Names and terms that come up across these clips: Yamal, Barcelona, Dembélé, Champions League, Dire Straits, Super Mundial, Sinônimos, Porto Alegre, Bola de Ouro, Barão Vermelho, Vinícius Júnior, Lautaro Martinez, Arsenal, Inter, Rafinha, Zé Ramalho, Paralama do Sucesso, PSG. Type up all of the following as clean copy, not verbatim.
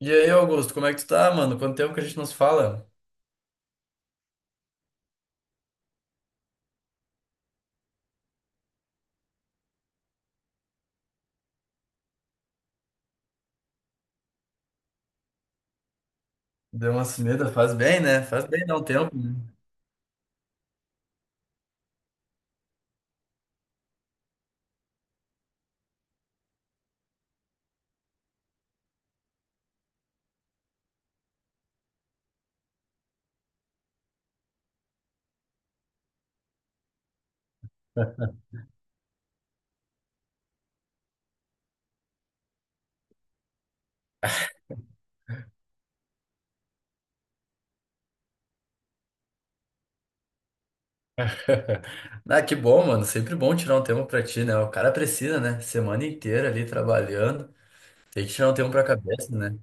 E aí, Augusto, como é que tu tá, mano? Quanto tempo que a gente não se fala? Deu uma sumida, faz bem, né? Faz bem dar um tempo, né? Ah, que bom, mano. Sempre bom tirar um tempo pra ti, né? O cara precisa, né? Semana inteira ali trabalhando. Tem que tirar um tempo pra cabeça, né?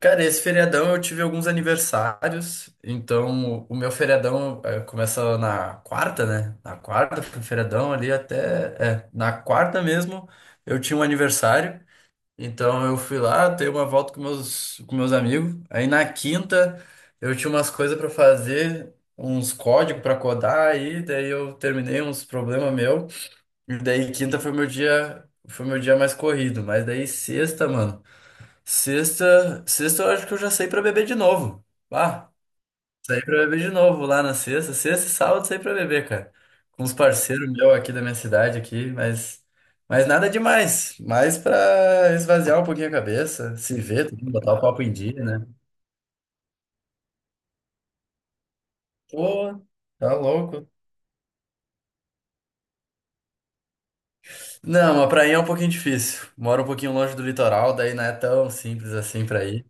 Cara, esse feriadão eu tive alguns aniversários. Então, o meu feriadão começa na quarta, né? Na quarta, foi o feriadão ali até. É, na quarta mesmo eu tinha um aniversário. Então eu fui lá, dei uma volta com meus amigos. Aí na quinta eu tinha umas coisas para fazer, uns códigos para codar aí, daí eu terminei uns problemas meu. E daí quinta foi meu dia mais corrido, mas daí sexta, mano. Sexta eu acho que eu já saí para beber de novo. Ah, saí pra beber de novo lá na sexta. Sexta e sábado saí pra beber, cara. Com uns parceiros meus aqui da minha cidade aqui, mas nada demais. Mais pra esvaziar um pouquinho a cabeça, se ver, também, botar o papo em dia, né? Pô, tá louco. Não, mas pra ir é um pouquinho difícil. Moro um pouquinho longe do litoral, daí não é tão simples assim pra ir.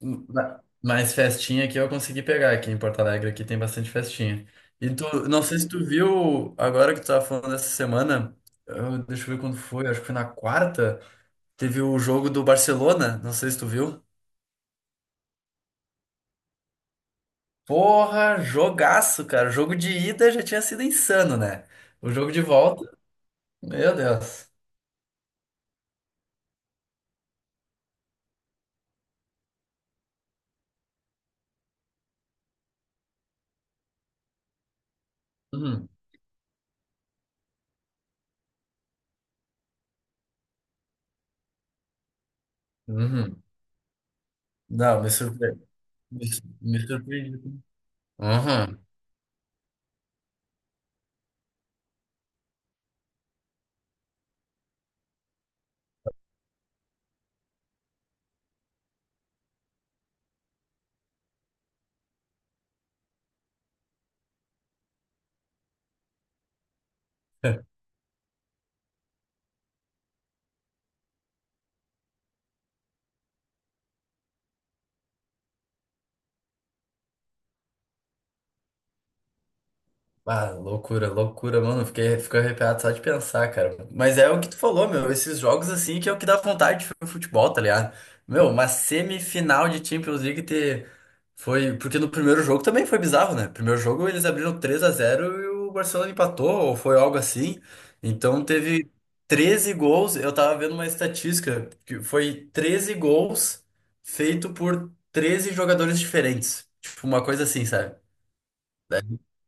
Mas festinha aqui eu consegui pegar aqui em Porto Alegre, aqui tem bastante festinha. E tu, não sei se tu viu, agora que tu tava falando essa semana, deixa eu ver quando foi, acho que foi na quarta, teve o jogo do Barcelona, não sei se tu viu. Porra, jogaço, cara. O jogo de ida já tinha sido insano, né? O jogo de volta, meu Deus. Uhum. Uhum. Não, me surpreendi. Me, me surpreendi. Uhum. Ah, loucura, loucura, mano. Fiquei, fico arrepiado só de pensar, cara. Mas é o que tu falou, meu. Esses jogos assim que é o que dá vontade de ver o futebol, tá ligado? Meu, uma semifinal de Champions League ter. Foi. Porque no primeiro jogo também foi bizarro, né? Primeiro jogo eles abriram 3 a 0 e o Barcelona empatou, ou foi algo assim. Então teve 13 gols. Eu tava vendo uma estatística que foi 13 gols feito por 13 jogadores diferentes. Tipo, uma coisa assim, sabe?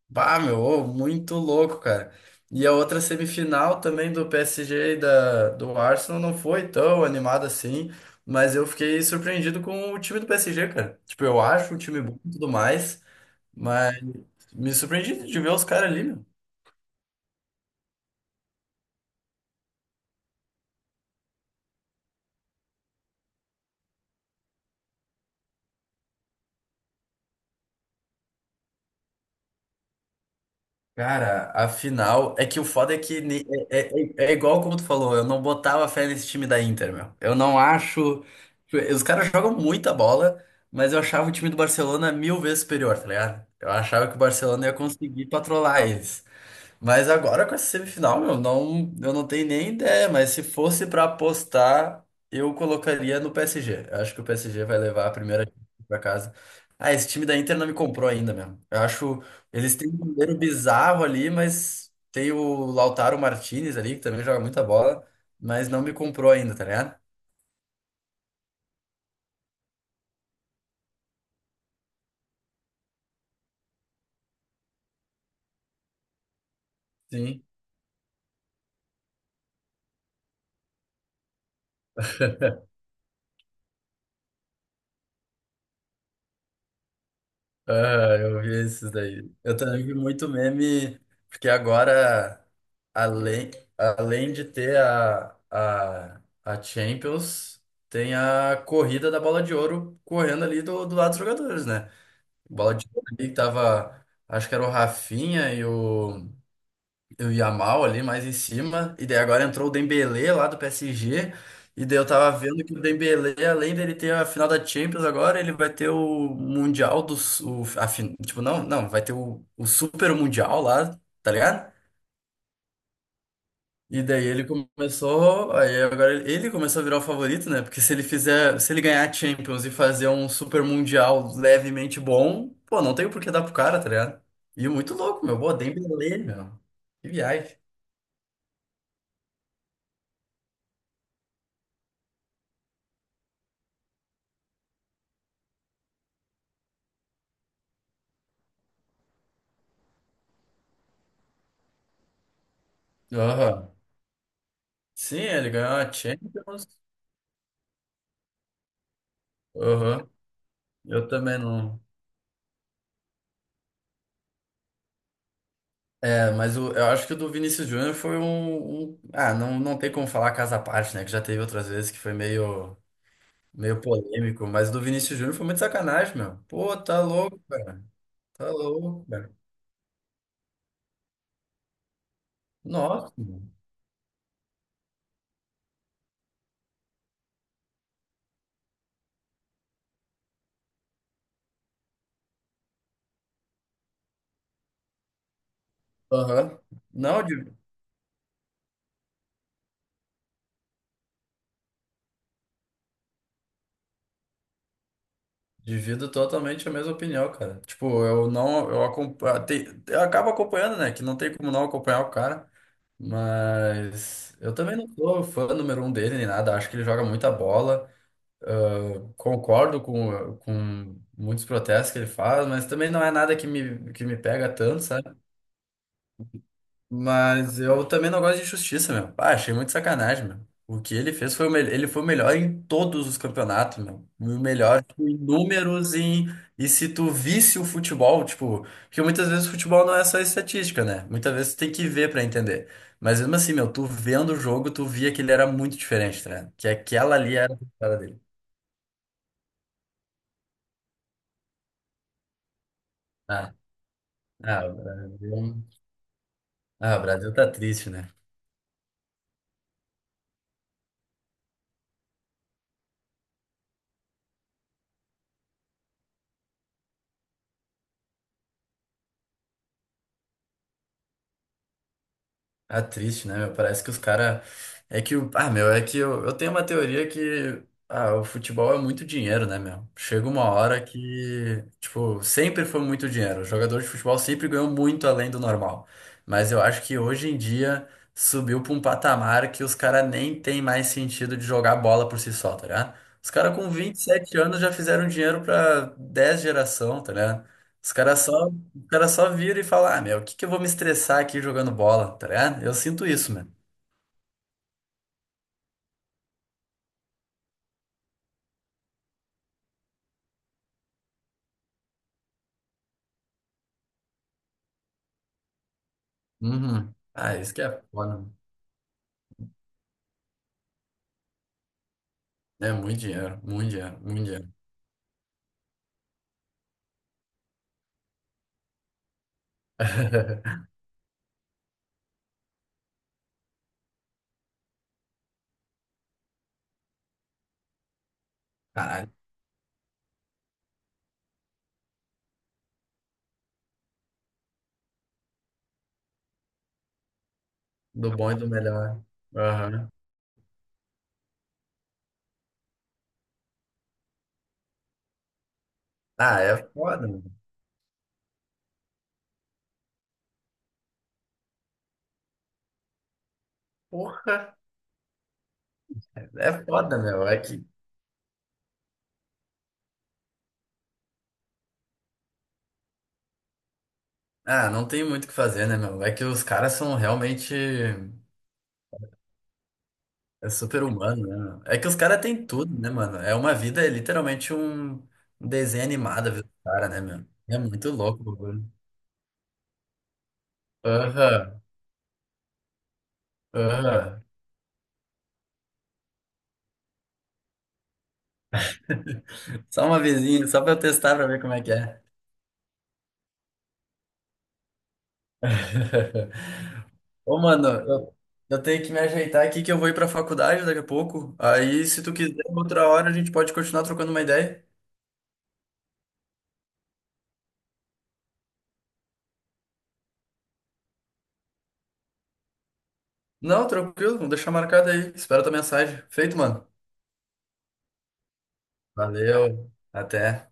Bah, meu, ô, muito louco, cara. E a outra semifinal também do PSG e do Arsenal não foi tão animada assim, mas eu fiquei surpreendido com o time do PSG, cara. Tipo, eu acho um time bom e tudo mais, mas me surpreendi de ver os caras ali, meu. Cara, afinal, é que o foda é que é igual como tu falou, eu não botava fé nesse time da Inter, meu. Eu não acho. Tipo, os caras jogam muita bola, mas eu achava o time do Barcelona mil vezes superior, tá ligado? Eu achava que o Barcelona ia conseguir patrolar eles. Mas agora com essa semifinal, meu, não, eu não tenho nem ideia, mas se fosse pra apostar, eu colocaria no PSG. Eu acho que o PSG vai levar a primeira pra casa. Ah, esse time da Inter não me comprou ainda, meu. Eu acho, eles têm um goleiro bizarro ali, mas tem o Lautaro Martinez ali, que também joga muita bola, mas não me comprou ainda, tá ligado? Sim. Ah, eu vi esses daí. Eu também vi muito meme, porque agora, além, além de ter a Champions, tem a corrida da Bola de Ouro correndo ali do, do lado dos jogadores, né? Bola de Ouro ali que tava, acho que era o Rafinha e o Yamal ali mais em cima, e daí agora entrou o Dembélé lá do PSG, e daí eu tava vendo que o Dembélé, além dele ter a final da Champions agora, ele vai ter o Mundial do... Su- O, a, fin- tipo, não, não, vai ter o Super Mundial lá, tá ligado? E daí ele começou, aí agora ele começou a virar o favorito, né? Porque se ele fizer, se ele ganhar a Champions e fazer um Super Mundial levemente bom, pô, não tem por que dar pro cara, tá ligado? E muito louco, meu, pô, Dembélé, meu, que viagem. Aham. Sim, ele ganhou a Champions. Aham. Eu também não. É, mas eu acho que o do Vinícius Júnior foi ah, não, não tem como falar caso à parte, né? Que já teve outras vezes que foi meio, meio polêmico. Mas o do Vinícius Júnior foi muito sacanagem, meu. Pô, tá louco, cara. Tá louco, cara. Nossa, mano. Aham. Não, de- Divido totalmente a mesma opinião, cara. Tipo, eu não, eu acompanho, eu acabo acompanhando, né? Que não tem como não acompanhar o cara. Mas eu também não sou fã número um dele nem nada. Acho que ele joga muita bola. Ah, concordo com muitos protestos que ele faz, mas também não é nada que me, que me pega tanto, sabe? Mas eu também não gosto de injustiça, meu. Ah, achei muito sacanagem, meu. O que ele fez foi o melhor. Ele foi o melhor em todos os campeonatos, meu. O melhor tipo, e se tu visse o futebol, tipo, porque muitas vezes o futebol não é só estatística, né? Muitas vezes tu tem que ver pra entender. Mas mesmo assim, meu, tu vendo o jogo, tu via que ele era muito diferente, tá ligado? Que aquela ali era a cara dele. Ah, ah, o Brasil... Ah, o Brasil tá triste, né? Ah, triste, né, meu? Parece que os caras. É que o. Ah, meu, é que eu tenho uma teoria que. Ah, o futebol é muito dinheiro, né, meu? Chega uma hora que. Tipo, sempre foi muito dinheiro. O jogador de futebol sempre ganhou muito além do normal. Mas eu acho que hoje em dia subiu pra um patamar que os caras nem tem mais sentido de jogar bola por si só, tá ligado? Os caras com 27 anos já fizeram dinheiro pra 10 geração, tá ligado? Os caras só. O cara só vira e fala: ah, meu, o que que eu vou me estressar aqui jogando bola, tá ligado? Eu sinto isso, mano. Uhum. Ah, isso que é foda, mano. É muito dinheiro, muito dinheiro, muito dinheiro. Caralho, do bom e do melhor. Aham. Ah, é foda, mano. Porra, é foda, meu. É que. Ah, não tem muito o que fazer, né, meu? É que os caras são realmente é super humano, né, meu? É que os caras têm tudo, né, mano? É uma vida, é literalmente um desenho animado, viu, cara, né, meu? É muito louco o bagulho. Aham. Aham. Só uma vezinha, só pra eu testar pra ver como é que é. Ô, mano, eu tenho que me ajeitar aqui que eu vou ir pra faculdade daqui a pouco. Aí, se tu quiser, outra hora a gente pode continuar trocando uma ideia. Não, tranquilo, vou deixar marcado aí. Espero tua mensagem. Feito, mano. Valeu, até.